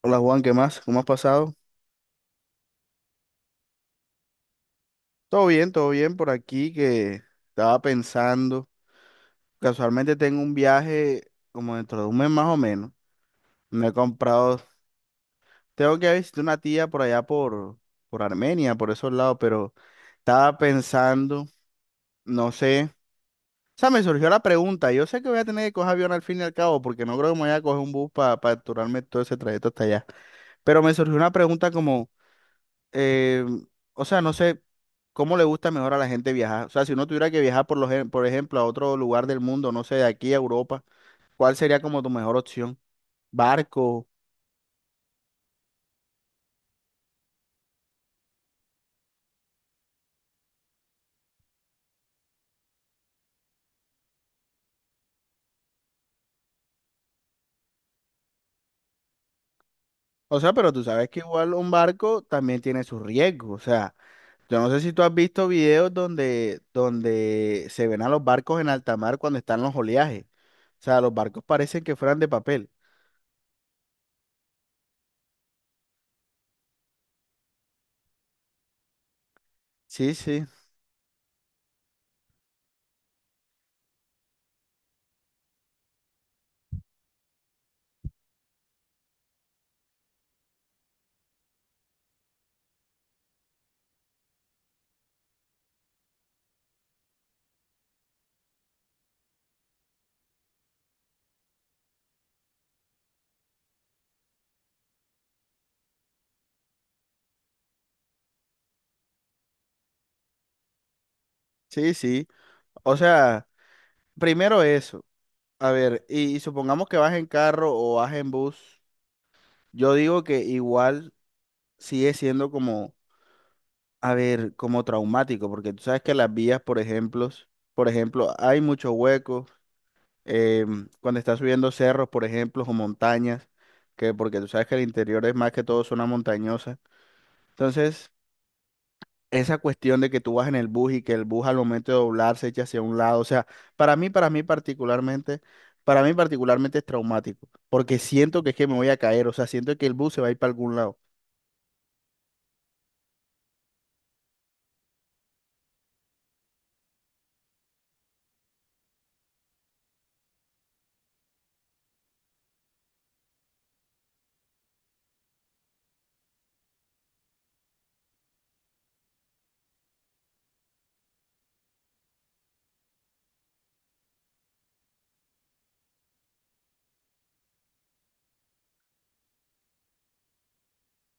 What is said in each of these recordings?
Hola Juan, ¿qué más? ¿Cómo has pasado? Todo bien por aquí que estaba pensando. Casualmente tengo un viaje como dentro de un mes más o menos. Me he comprado, tengo que visitar una tía por allá por Armenia, por esos lados, pero estaba pensando, no sé. O sea, me surgió la pregunta. Yo sé que voy a tener que coger avión al fin y al cabo, porque no creo que me vaya a coger un bus para capturarme todo ese trayecto hasta allá. Pero me surgió una pregunta como, eh, o sea, no sé. ¿Cómo le gusta mejor a la gente viajar? O sea, si uno tuviera que viajar, por ejemplo, a otro lugar del mundo, no sé, de aquí a Europa, ¿cuál sería como tu mejor opción? Barco. O sea, pero tú sabes que igual un barco también tiene sus riesgos. O sea, yo no sé si tú has visto videos donde, donde se ven a los barcos en alta mar cuando están los oleajes. O sea, los barcos parecen que fueran de papel. Sí, sí, sí, sí. O sea, primero eso. A ver, y supongamos que vas en carro o vas en bus. Yo digo que igual, sigue siendo como, a ver, como traumático, porque tú sabes que las vías, por ejemplo, hay muchos huecos cuando estás subiendo cerros, por ejemplo, o montañas, que porque tú sabes que el interior es más que todo zona montañosa. Entonces, esa cuestión de que tú vas en el bus y que el bus al momento de doblar se echa hacia un lado, o sea, para mí, para mí particularmente, para mí particularmente es traumático, porque siento que es que me voy a caer, o sea, siento que el bus se va a ir para algún lado.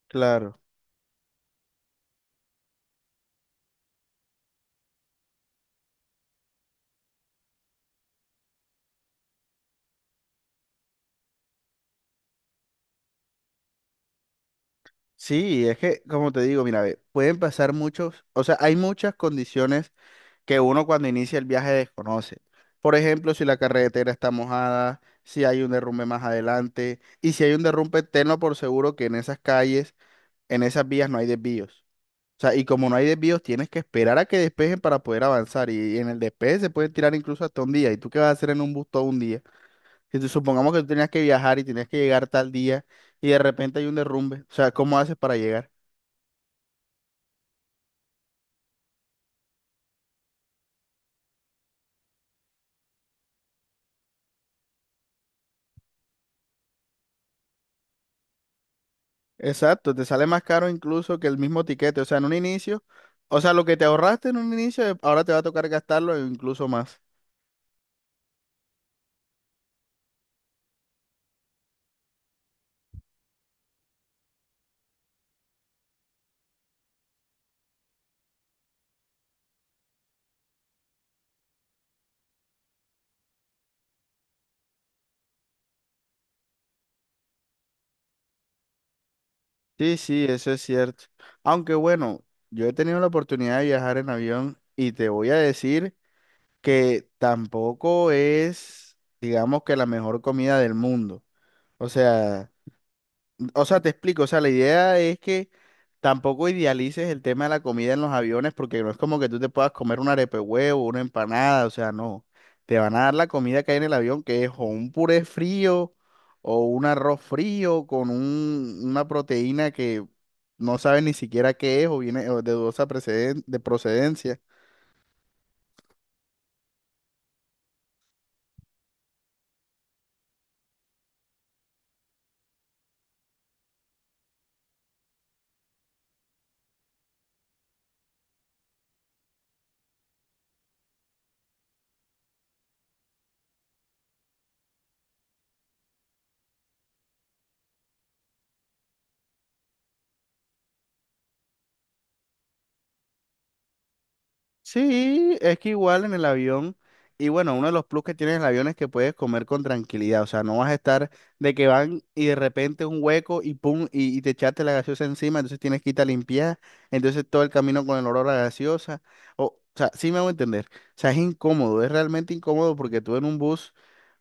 Claro. Sí, es que, como te digo, mira, ve, pueden pasar muchos, o sea, hay muchas condiciones que uno cuando inicia el viaje desconoce. Por ejemplo, si la carretera está mojada, si hay un derrumbe más adelante, y si hay un derrumbe, tenlo por seguro que en esas calles, en esas vías no hay desvíos. O sea, y como no hay desvíos, tienes que esperar a que despejen para poder avanzar, y en el despeje se puede tirar incluso hasta un día. ¿Y tú qué vas a hacer en un bus todo un día? Si tú- Supongamos que tú tenías que viajar y tenías que llegar tal día, y de repente hay un derrumbe, o sea, ¿cómo haces para llegar? Exacto, te sale más caro incluso que el mismo tiquete. O sea, en un inicio, o sea, lo que te ahorraste en un inicio, ahora te va a tocar gastarlo e incluso más. Sí, sí, eso es cierto. Aunque bueno, yo he tenido la oportunidad de viajar en avión y te voy a decir que tampoco es, digamos que la mejor comida del mundo. O sea, O sea, te explico, o sea, la idea es que tampoco idealices el tema de la comida en los aviones porque no es como que tú te puedas comer un arepe huevo, una empanada, o sea, no. Te van a dar la comida que hay en el avión, que es o un puré frío o un arroz frío con una proteína que no sabes ni siquiera qué es o viene o de dudosa de procedencia. Sí, es que igual en el avión, y bueno, uno de los plus que tiene el avión es que puedes comer con tranquilidad, o sea, no vas a estar de que van y de repente un hueco y pum, y te echaste la gaseosa encima, entonces tienes que irte a limpiar, entonces todo el camino con el olor a gaseosa, o sea, sí me hago entender, o sea, es incómodo, es realmente incómodo porque tú en un bus,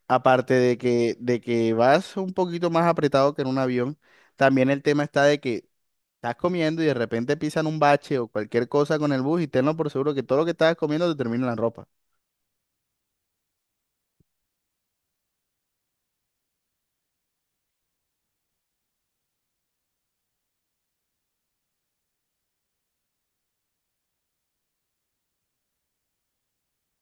aparte de que vas un poquito más apretado que en un avión, también el tema está de que estás comiendo y de repente pisan un bache o cualquier cosa con el bus y tenlo por seguro que todo lo que estabas comiendo te termina en la ropa.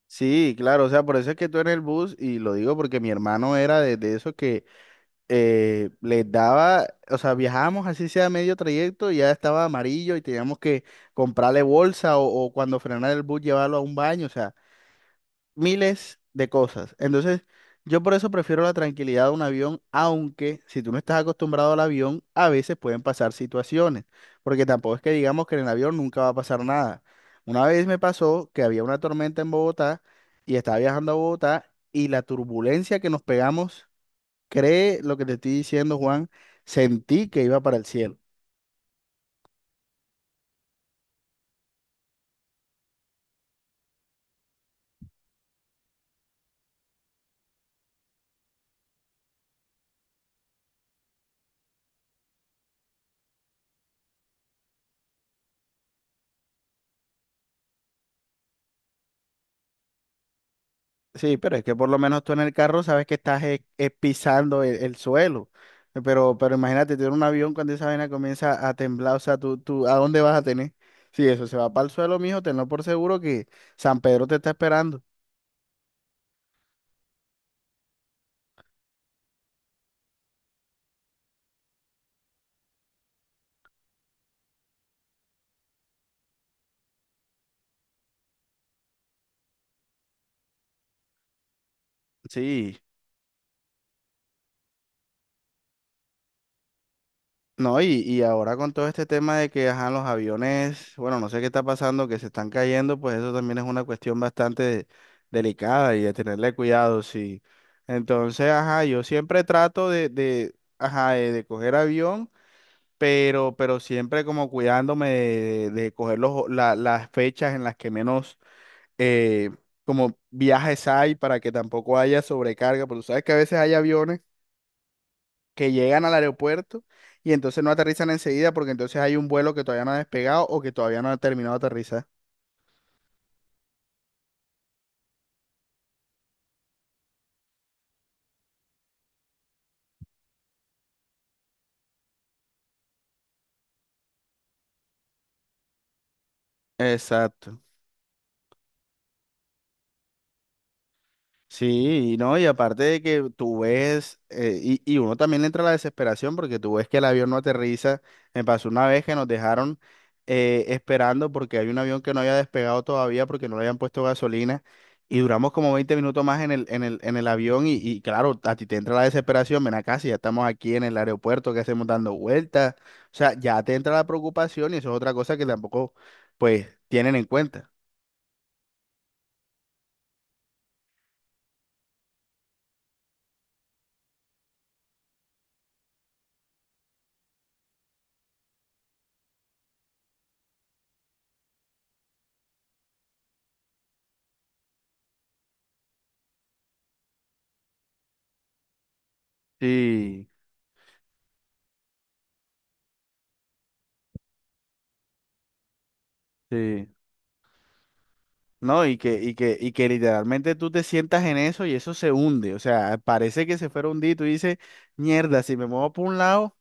Sí, claro, o sea, por eso es que tú en el bus, y lo digo porque mi hermano era de esos que les daba, o sea, viajábamos así sea medio trayecto y ya estaba amarillo y teníamos que comprarle bolsa o cuando frenara el bus llevarlo a un baño, o sea. Miles de cosas. Entonces, yo por eso prefiero la tranquilidad de un avión, aunque si tú no estás acostumbrado al avión, a veces pueden pasar situaciones, porque tampoco es que digamos que en el avión nunca va a pasar nada. Una vez me pasó que había una tormenta en Bogotá y estaba viajando a Bogotá y la turbulencia que nos pegamos, cree lo que te estoy diciendo, Juan, sentí que iba para el cielo. Sí, pero es que por lo menos tú en el carro sabes que estás pisando el suelo. Pero imagínate, tú en un avión cuando esa vaina comienza a temblar, o sea, ¿a dónde vas a tener? Si eso se va para el suelo, mijo, tenlo por seguro que San Pedro te está esperando. Sí, no, y ahora con todo este tema de que, ajá, los aviones, bueno, no sé qué está pasando, que se están cayendo, pues eso también es una cuestión bastante delicada y de tenerle cuidado, sí. Entonces, ajá, yo siempre trato de, ajá, de coger avión. Pero siempre como cuidándome de coger las fechas en las que menos eh, como viajes hay para que tampoco haya sobrecarga, porque tú sabes que a veces hay aviones que llegan al aeropuerto y entonces no aterrizan enseguida porque entonces hay un vuelo que todavía no ha despegado o que todavía no ha terminado de aterrizar. Exacto. Sí, y no, y aparte de que tú ves, y uno también le entra la desesperación porque tú ves que el avión no aterriza. Me pasó una vez que nos dejaron esperando porque hay un avión que no había despegado todavía porque no le habían puesto gasolina y duramos como 20 minutos más en el avión y claro, a ti te entra la desesperación, ven acá, ¿si ya estamos aquí en el aeropuerto, que hacemos dando vueltas? O sea, ya te entra la preocupación y eso es otra cosa que tampoco, pues, tienen en cuenta. Sí, sí. No, y que literalmente tú te sientas en eso y eso se hunde. O sea, parece que se fuera a hundir. Tú dices, mierda, si me muevo por un lado,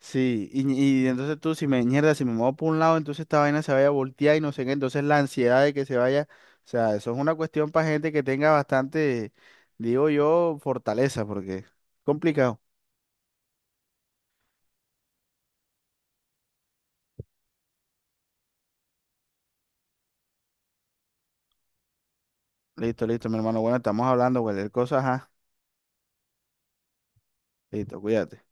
sí. Y entonces tú, mierda, si me muevo por un lado, entonces esta vaina se vaya a voltear y no sé qué. Entonces la ansiedad de que se vaya. O sea, eso es una cuestión para gente que tenga bastante, digo yo, fortaleza, porque es complicado. Listo, listo, mi hermano. Bueno, estamos hablando, cualquier cosa, ajá. Listo, cuídate.